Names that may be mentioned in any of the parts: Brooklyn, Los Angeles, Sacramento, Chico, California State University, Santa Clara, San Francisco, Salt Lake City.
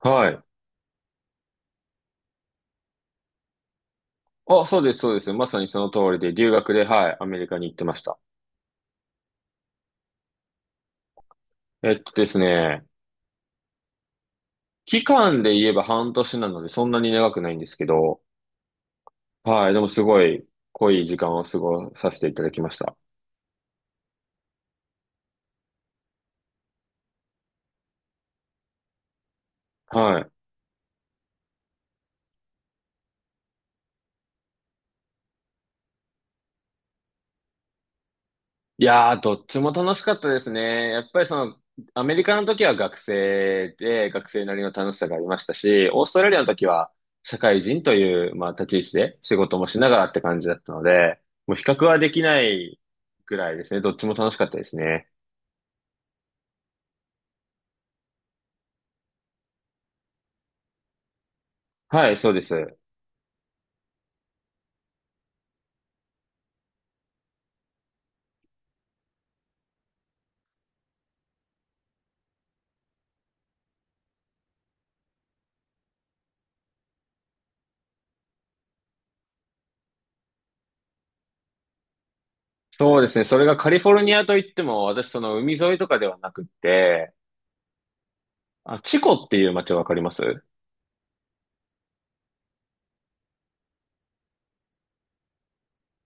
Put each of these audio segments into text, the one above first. はい。あ、そうです、そうです。まさにその通りで、留学で、はい、アメリカに行ってました。えっとですね、期間で言えば半年なので、そんなに長くないんですけど、はい、でもすごい濃い時間を過ごさせていただきました。はい。いやー、どっちも楽しかったですね。やっぱりその、アメリカの時は学生で、学生なりの楽しさがありましたし、オーストラリアの時は社会人という、まあ、立ち位置で仕事もしながらって感じだったので、もう比較はできないぐらいですね。どっちも楽しかったですね。はい、そうです。そうですね。それがカリフォルニアといっても、私その海沿いとかではなくって、あ、チコっていう街わかります？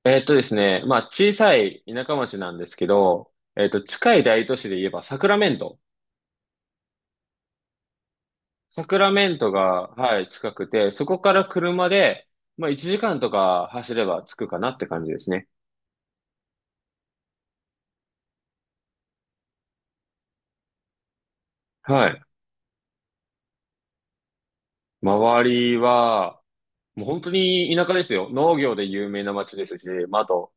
えーっとですね、まあ、小さい田舎町なんですけど、近い大都市で言えばサクラメント。サクラメントが、はい、近くて、そこから車で、まあ、1時間とか走れば着くかなって感じですね。はい。周りは、もう本当に田舎ですよ。農業で有名な町ですし、まあ、あと、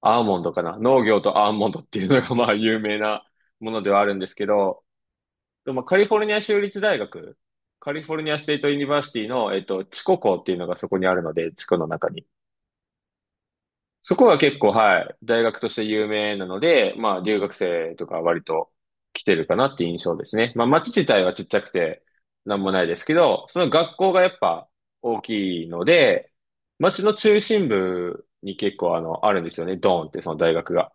アーモンドかな。農業とアーモンドっていうのが、まあ、有名なものではあるんですけど、でもカリフォルニア州立大学、カリフォルニアステートユニバーシティの、地コ校っていうのがそこにあるので、地区の中に。そこは結構、はい、大学として有名なので、まあ、留学生とか割と来てるかなっていう印象ですね。まあ、町自体はちっちゃくて、なんもないですけど、その学校がやっぱ大きいので、町の中心部に結構あの、あるんですよね。ドーンってその大学が。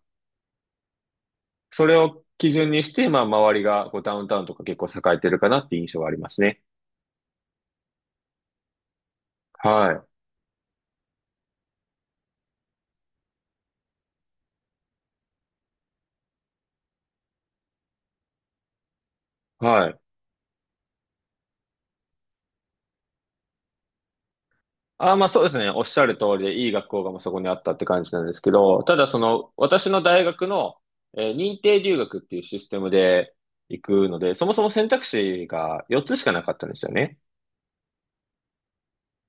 それを基準にして、まあ、周りがこうダウンタウンとか結構栄えてるかなっていう印象がありますね。はい。はい。あー、まあそうですね。おっしゃる通りで、いい学校がもうそこにあったって感じなんですけど、ただその、私の大学の、認定留学っていうシステムで行くので、そもそも選択肢が4つしかなかったんですよね。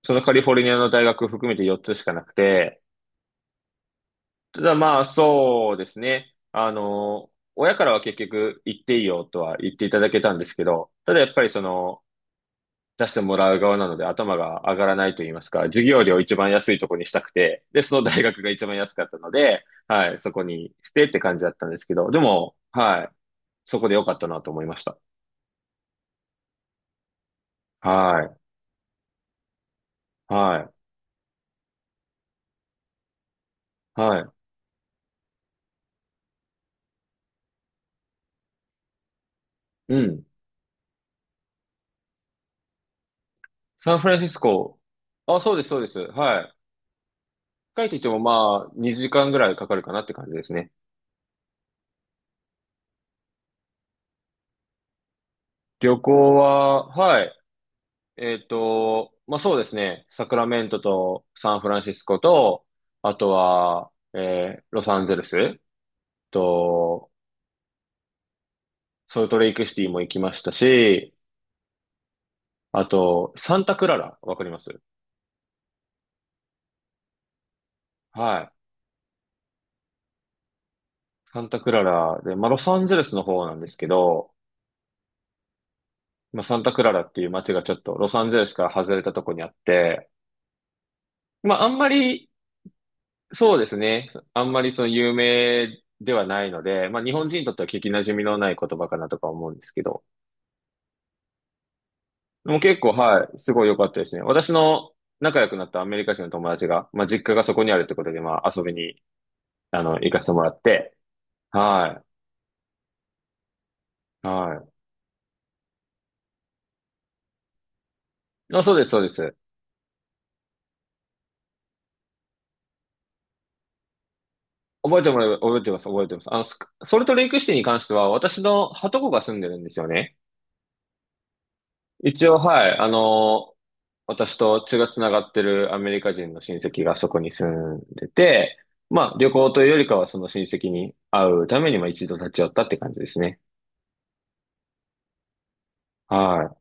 そのカリフォルニアの大学含めて4つしかなくて、ただまあそうですね。あの、親からは結局行っていいよとは言っていただけたんですけど、ただやっぱりその、出してもらう側なので頭が上がらないと言いますか、授業料を一番安いとこにしたくて、で、その大学が一番安かったので、はい、そこにしてって感じだったんですけど、でも、はい、そこで良かったなと思いました。はい、はい、はい。うん。サンフランシスコ。あ、そうです、そうです。はい。帰ってきてもまあ、2時間ぐらいかかるかなって感じですね。旅行は、はい。えっと、まあ、そうですね。サクラメントとサンフランシスコと、あとは、ロサンゼルスと、ソルトレイクシティも行きましたし、あと、サンタクララ、わかります？はい。サンタクララで、まあ、ロサンゼルスの方なんですけど、まあ、サンタクララっていう街がちょっとロサンゼルスから外れたとこにあって、まあ、あんまり、そうですね。あんまりその有名ではないので、まあ、日本人にとっては聞き馴染みのない言葉かなとか思うんですけど、もう結構、はい、すごい良かったですね。私の仲良くなったアメリカ人の友達が、まあ、実家がそこにあるってことで、まあ、遊びに、あの、行かせてもらって、はい、はい。あ、そうです、そうです。覚えてもらえば、覚えてます、覚えてます。あの、ソルトレイクシティに関しては、私のはとこが住んでるんですよね。一応、はい、あの、私と血がつながってるアメリカ人の親戚がそこに住んでて、まあ、旅行というよりかは、その親戚に会うために、まあ、一度立ち寄ったって感じですね。は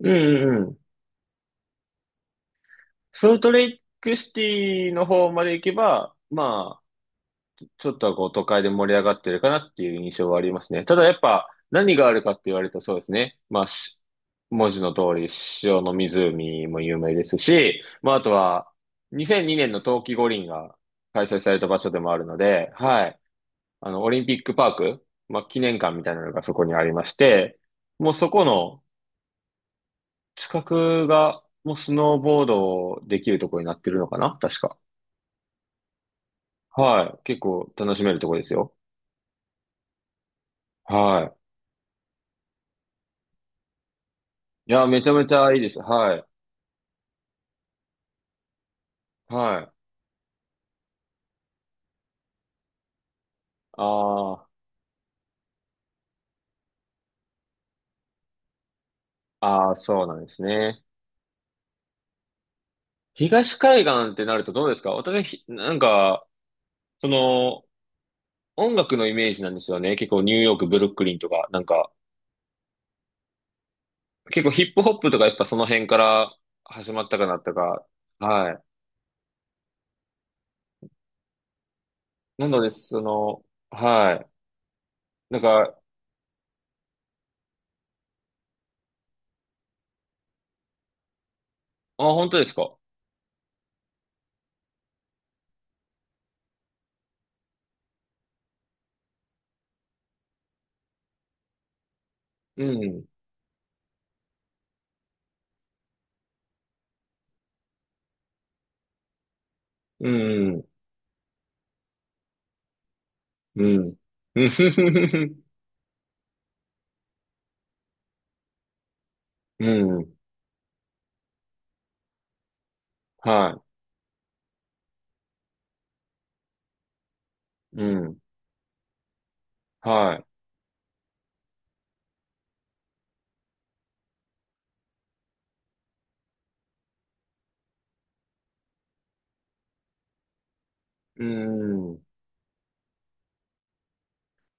い。うんうん。ソルトレイクシティの方まで行けば、まあ、ちょっとはこう都会で盛り上がってるかなっていう印象はありますね。ただやっぱ何があるかって言われるとそうですね。まあ、し文字の通り塩の湖も有名ですし、まああとは2002年の冬季五輪が開催された場所でもあるので、はい。あの、オリンピックパーク、まあ記念館みたいなのがそこにありまして、もうそこの近くがもうスノーボードできるところになってるのかな確か。はい。結構楽しめるとこですよ。はい。いや、めちゃめちゃいいです。はい。はい。ああ、ああ、そうなんですね。東海岸ってなるとどうですか？私、ひなんか、その、音楽のイメージなんですよね。結構ニューヨーク、ブルックリンとか、なんか、結構ヒップホップとかやっぱその辺から始まったかなったか。はい。なので、その、はい。なんか、あ、本当ですか？うん。うん。うん。うん。うん。はい。うん。はい。うん。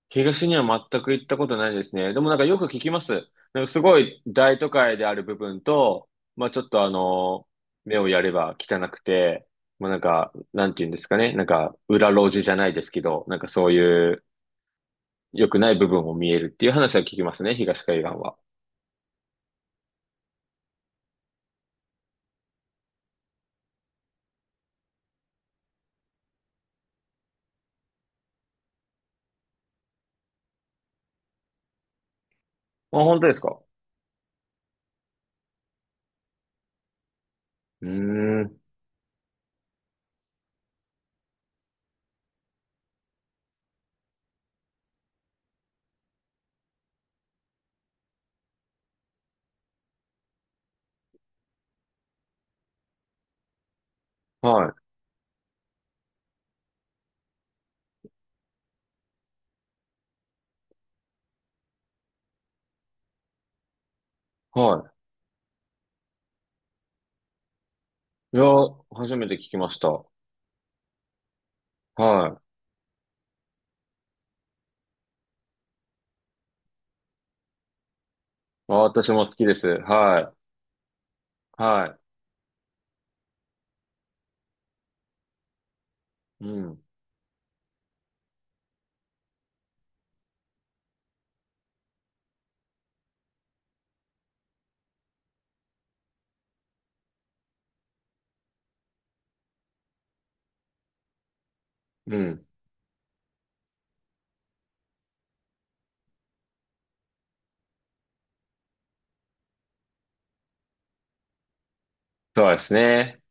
東には全く行ったことないですね。でもなんかよく聞きます。なんかすごい大都会である部分と、まあちょっとあの、目をやれば汚くて、まあなんか、なんて言うんですかね。なんか、裏路地じゃないですけど、なんかそういう良くない部分を見えるっていう話は聞きますね、東海岸は。あ、本当ですか？うーん。はい。はい。いや、初めて聞きました。はい。あ、私も好きです。はい。はい。うん。うん。そうですね。